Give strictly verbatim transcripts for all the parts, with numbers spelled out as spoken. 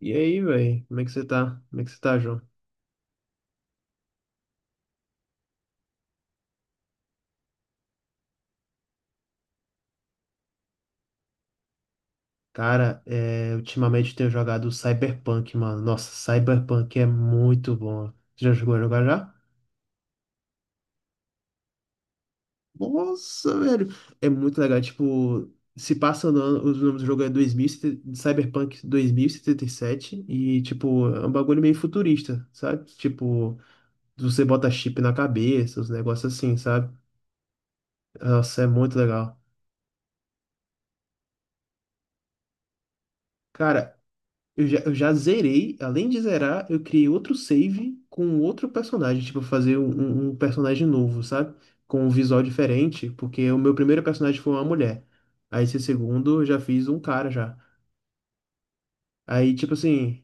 E aí, velho? Como é que você tá? Como é que você tá, João? Cara, é, ultimamente eu tenho jogado Cyberpunk, mano. Nossa, Cyberpunk é muito bom. Você já jogou a jogar já? Nossa, velho. É muito legal. Tipo, se passa no ano, o nome do jogo é dois mil, e sete- Cyberpunk dois mil e setenta e sete. E, setenta e sete. E, tipo, é um bagulho meio futurista, sabe? Tipo, você bota chip na cabeça, os negócios assim, sabe? Nossa, é muito legal. Cara, Eu já, eu já zerei, além de zerar, eu criei outro save com outro personagem, tipo, fazer um, um- um personagem novo, sabe? Com um visual diferente, porque o meu primeiro personagem foi uma mulher. Aí esse segundo eu já fiz um cara já. Aí, tipo assim,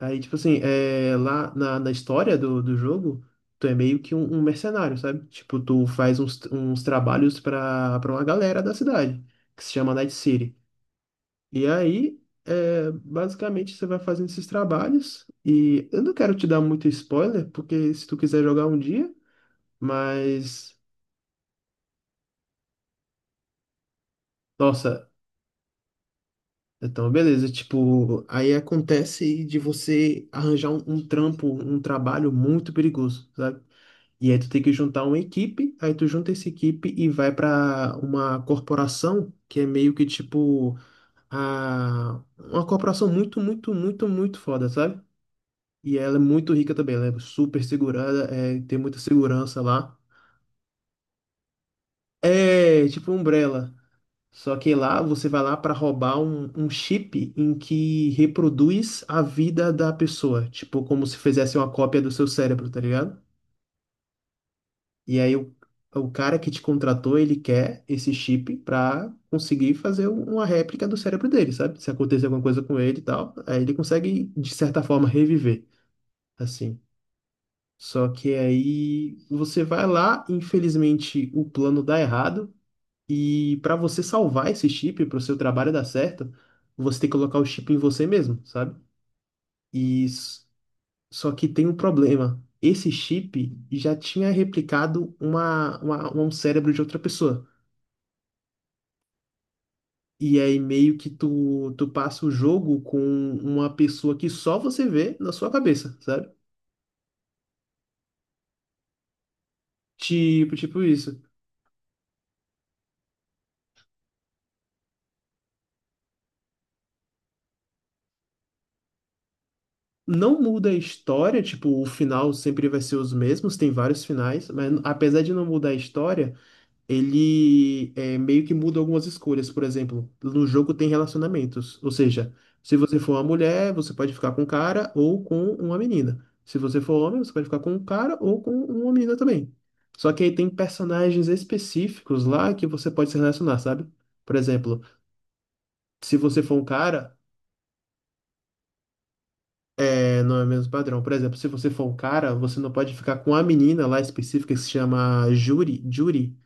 aí, tipo assim, é, lá na, na história do, do jogo, tu é meio que um, um mercenário, sabe? Tipo, tu faz uns, uns trabalhos pra, pra uma galera da cidade, que se chama Night City. E aí, é, basicamente, você vai fazendo esses trabalhos. E eu não quero te dar muito spoiler, porque se tu quiser jogar um dia, mas. Nossa, então, beleza. Tipo, aí acontece de você arranjar um, um trampo, um trabalho muito perigoso, sabe? E aí tu tem que juntar uma equipe, aí tu junta essa equipe e vai pra uma corporação que é meio que tipo a uma corporação muito, muito, muito, muito foda, sabe? E ela é muito rica também, ela é super segurada, é, tem muita segurança lá. É tipo um Umbrella. Só que lá você vai lá para roubar um, um chip em que reproduz a vida da pessoa. Tipo, como se fizesse uma cópia do seu cérebro, tá ligado? E aí o, o cara que te contratou, ele quer esse chip pra conseguir fazer um- uma réplica do cérebro dele, sabe? Se acontecer alguma coisa com ele e tal, aí ele consegue, de certa forma, reviver, assim. Só que aí você vai lá, infelizmente o plano dá errado, e para você salvar esse chip, para o seu trabalho dar certo, você tem que colocar o chip em você mesmo, sabe? E s- Só que tem um problema. Esse chip já tinha replicado uma, uma- um cérebro de outra pessoa. E aí meio que tu, tu passa o jogo com uma pessoa que só você vê na sua cabeça, sabe? Tipo, tipo isso. Não muda a história, tipo, o final sempre vai ser os mesmos, tem vários finais, mas apesar de não mudar a história, ele é, meio que muda algumas escolhas. Por exemplo, no jogo tem relacionamentos, ou seja, se você for uma mulher, você pode ficar com um cara ou com uma menina. Se você for homem, você pode ficar com um cara ou com uma menina também. Só que aí tem personagens específicos lá que você pode se relacionar, sabe? Por exemplo, se você for um cara, é, não é o mesmo padrão. Por exemplo, se você for um cara, você não pode ficar com a menina lá específica que se chama Juri, Juri,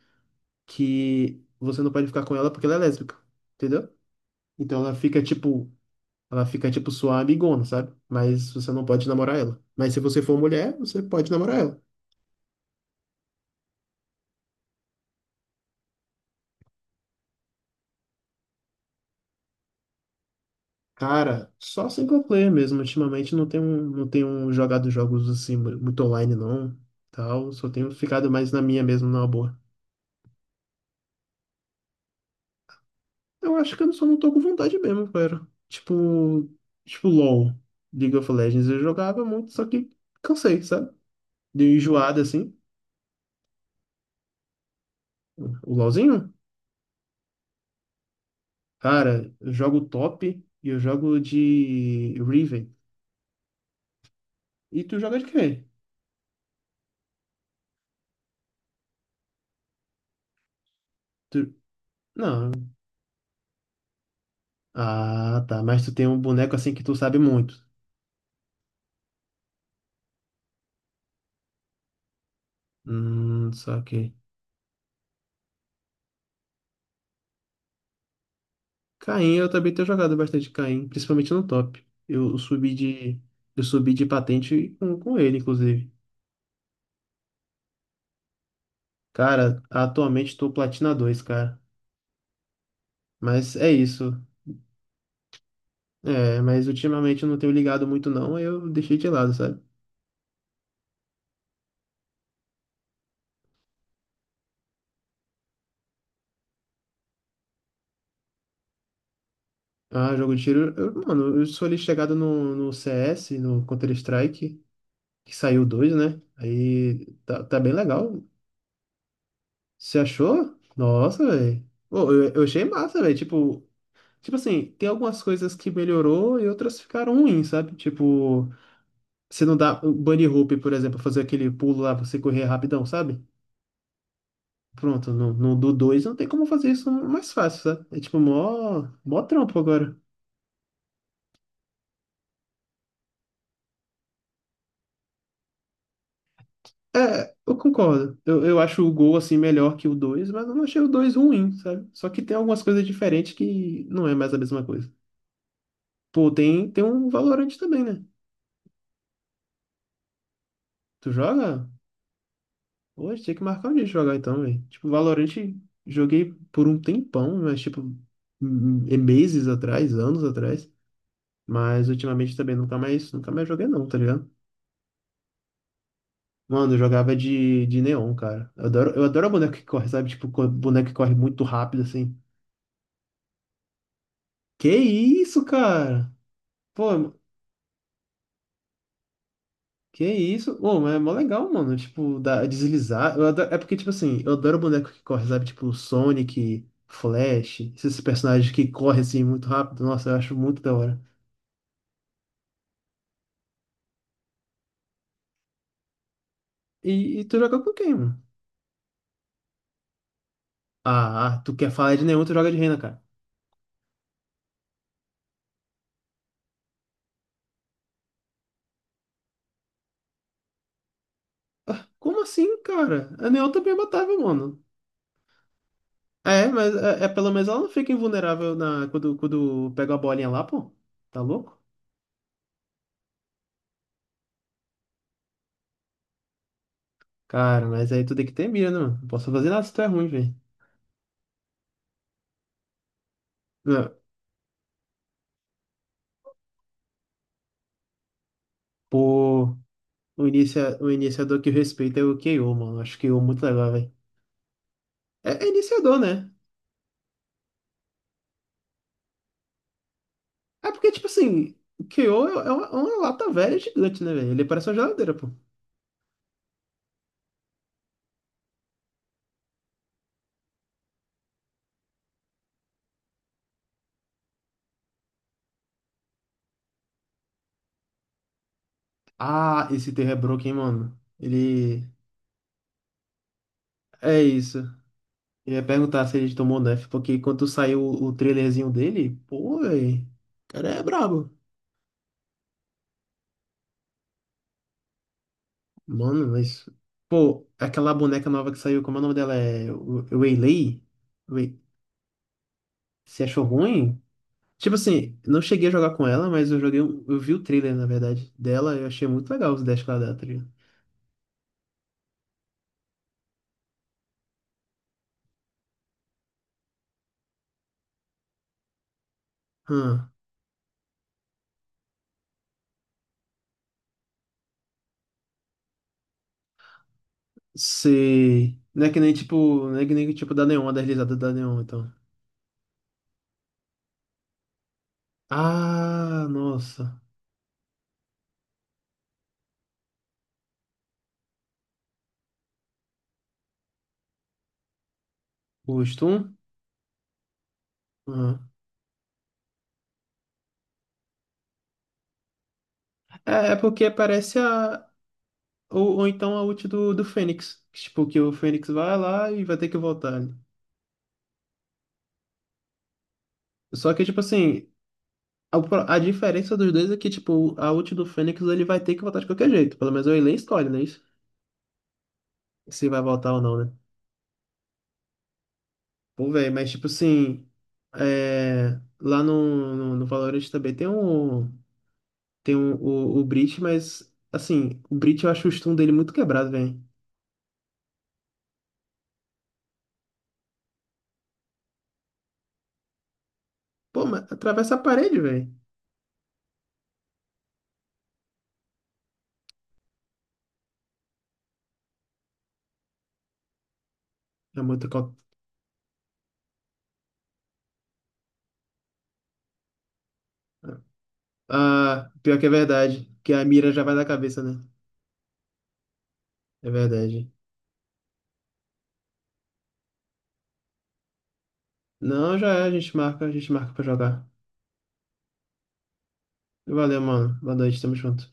que você não pode ficar com ela porque ela é lésbica, entendeu? Então ela fica tipo, ela fica tipo sua amigona, sabe? Mas você não pode namorar ela. Mas se você for mulher, você pode namorar ela. Cara, só single player mesmo. Ultimamente não tenho, não tenho jogado jogos assim mu- muito online não, tal. Só tenho ficado mais na minha mesmo, na boa. Eu acho que eu só não tô com vontade mesmo, cara. Tipo, tipo LoL, League of Legends, eu jogava muito, só que cansei, sabe? Dei enjoada assim. O LoLzinho? Cara, eu jogo top e eu jogo de Riven. E tu joga de quê? Tu... Não. Ah, tá. Mas tu tem um boneco assim que tu sabe muito. Hum, só que. Caim, eu também tenho jogado bastante Caim, principalmente no top. Eu subi de. Eu subi de patente com, com ele, inclusive. Cara, atualmente tô Platina dois, cara. Mas é isso. É, mas ultimamente eu não tenho ligado muito não, aí eu deixei de lado, sabe? Ah, jogo de tiro, eu, mano, eu sou ali chegado no, no C S, no Counter-Strike, que saiu dois, né? Aí tá, tá bem legal. Você achou? Nossa, velho. Pô, Eu, eu achei massa, velho. Tipo, tipo assim, tem algumas coisas que melhorou e outras ficaram ruins, sabe? Tipo, você não dá o bunny hoop, por exemplo, fazer aquele pulo lá, pra você correr rapidão, sabe? Pronto, no, no do dois não tem como fazer isso mais fácil, sabe? É tipo mó, mó trampo agora. É, eu concordo. Eu, eu acho o Gol assim melhor que o dois, mas eu não achei o dois ruim, sabe? Só que tem algumas coisas diferentes que não é mais a mesma coisa. Pô, tem, tem um Valorante também, né? Tu joga? Hoje tinha que marcar um dia de jogar então, velho. Tipo, Valorante joguei por um tempão, mas tipo, m- m- meses atrás, anos atrás. Mas ultimamente também nunca mais, nunca mais joguei não, tá ligado? Mano, eu jogava de, de neon, cara. Eu adoro, eu adoro boneco que corre, sabe? Tipo, co- boneco que corre muito rápido, assim. Que isso, cara? Pô, que isso? Ô, mas é mó legal, mano. Tipo, dá, deslizar. Eu adoro- é porque, tipo assim, eu adoro boneco que corre, sabe? Tipo, Sonic, Flash, esses personagens que correm, assim, muito rápido. Nossa, eu acho muito da hora. E, e tu joga com quem, mano? Ah, ah, tu quer falar de neon, tu joga de Reyna, cara. Como assim, cara? A neon também é matável, mano. É, mas é, é, pelo menos ela não fica invulnerável na, quando, quando pega a bolinha lá, pô. Tá louco? Cara, mas aí tu tem que ter mira, né, mano? Não posso fazer nada se tu é ruim, velho. Não, pô, o, inicia, o iniciador que eu respeito é o K O, mano. Acho que o muito legal, velho. É, é iniciador, né? É porque, tipo assim, o K O é é uma, é uma lata velha gigante, né, velho? Ele parece uma geladeira, pô. Ah, esse terra é broken, hein, mano. Ele. É isso. Ia perguntar se ele tomou Nerf, porque quando saiu o o trailerzinho dele, pô, véi, o cara é brabo. Mano, mas. Pô, aquela boneca nova que saiu, como é o nome dela? É Wa- Waylay? Wei- Você achou ruim? Tipo assim, não cheguei a jogar com ela, mas eu joguei. um- Eu vi o trailer, na verdade, dela, eu achei muito legal os dash que ela dá, tá ligado? Hum, sei. Não é que nem tipo. Não é que nem tipo da Neon, a deslizada da Neon, então. Ah, nossa. Gosto? Hum. É, é porque parece a. Ou, ou então a ult do, do Fênix. que, Tipo, que o Fênix vai lá e vai ter que voltar, né? Só que, tipo assim, a, pro- a diferença dos dois é que, tipo, a ult do Fênix ele vai ter que voltar de qualquer jeito. Pelo menos o Elen escolhe, né? Isso? Se vai voltar ou não, né? Pô, velho, mas, tipo assim, é, lá no, no, no Valorant também tem um. Tem um, o, o Breach, mas, assim, o Breach eu acho o stun dele muito quebrado, velho. Pô, mas atravessa a parede, velho. É muito. co- é. Ah, pior que é verdade, que a mira já vai da cabeça, né? É verdade. Não, já é, a gente marca, a gente marca pra jogar. Valeu, mano. Boa noite, tamo junto.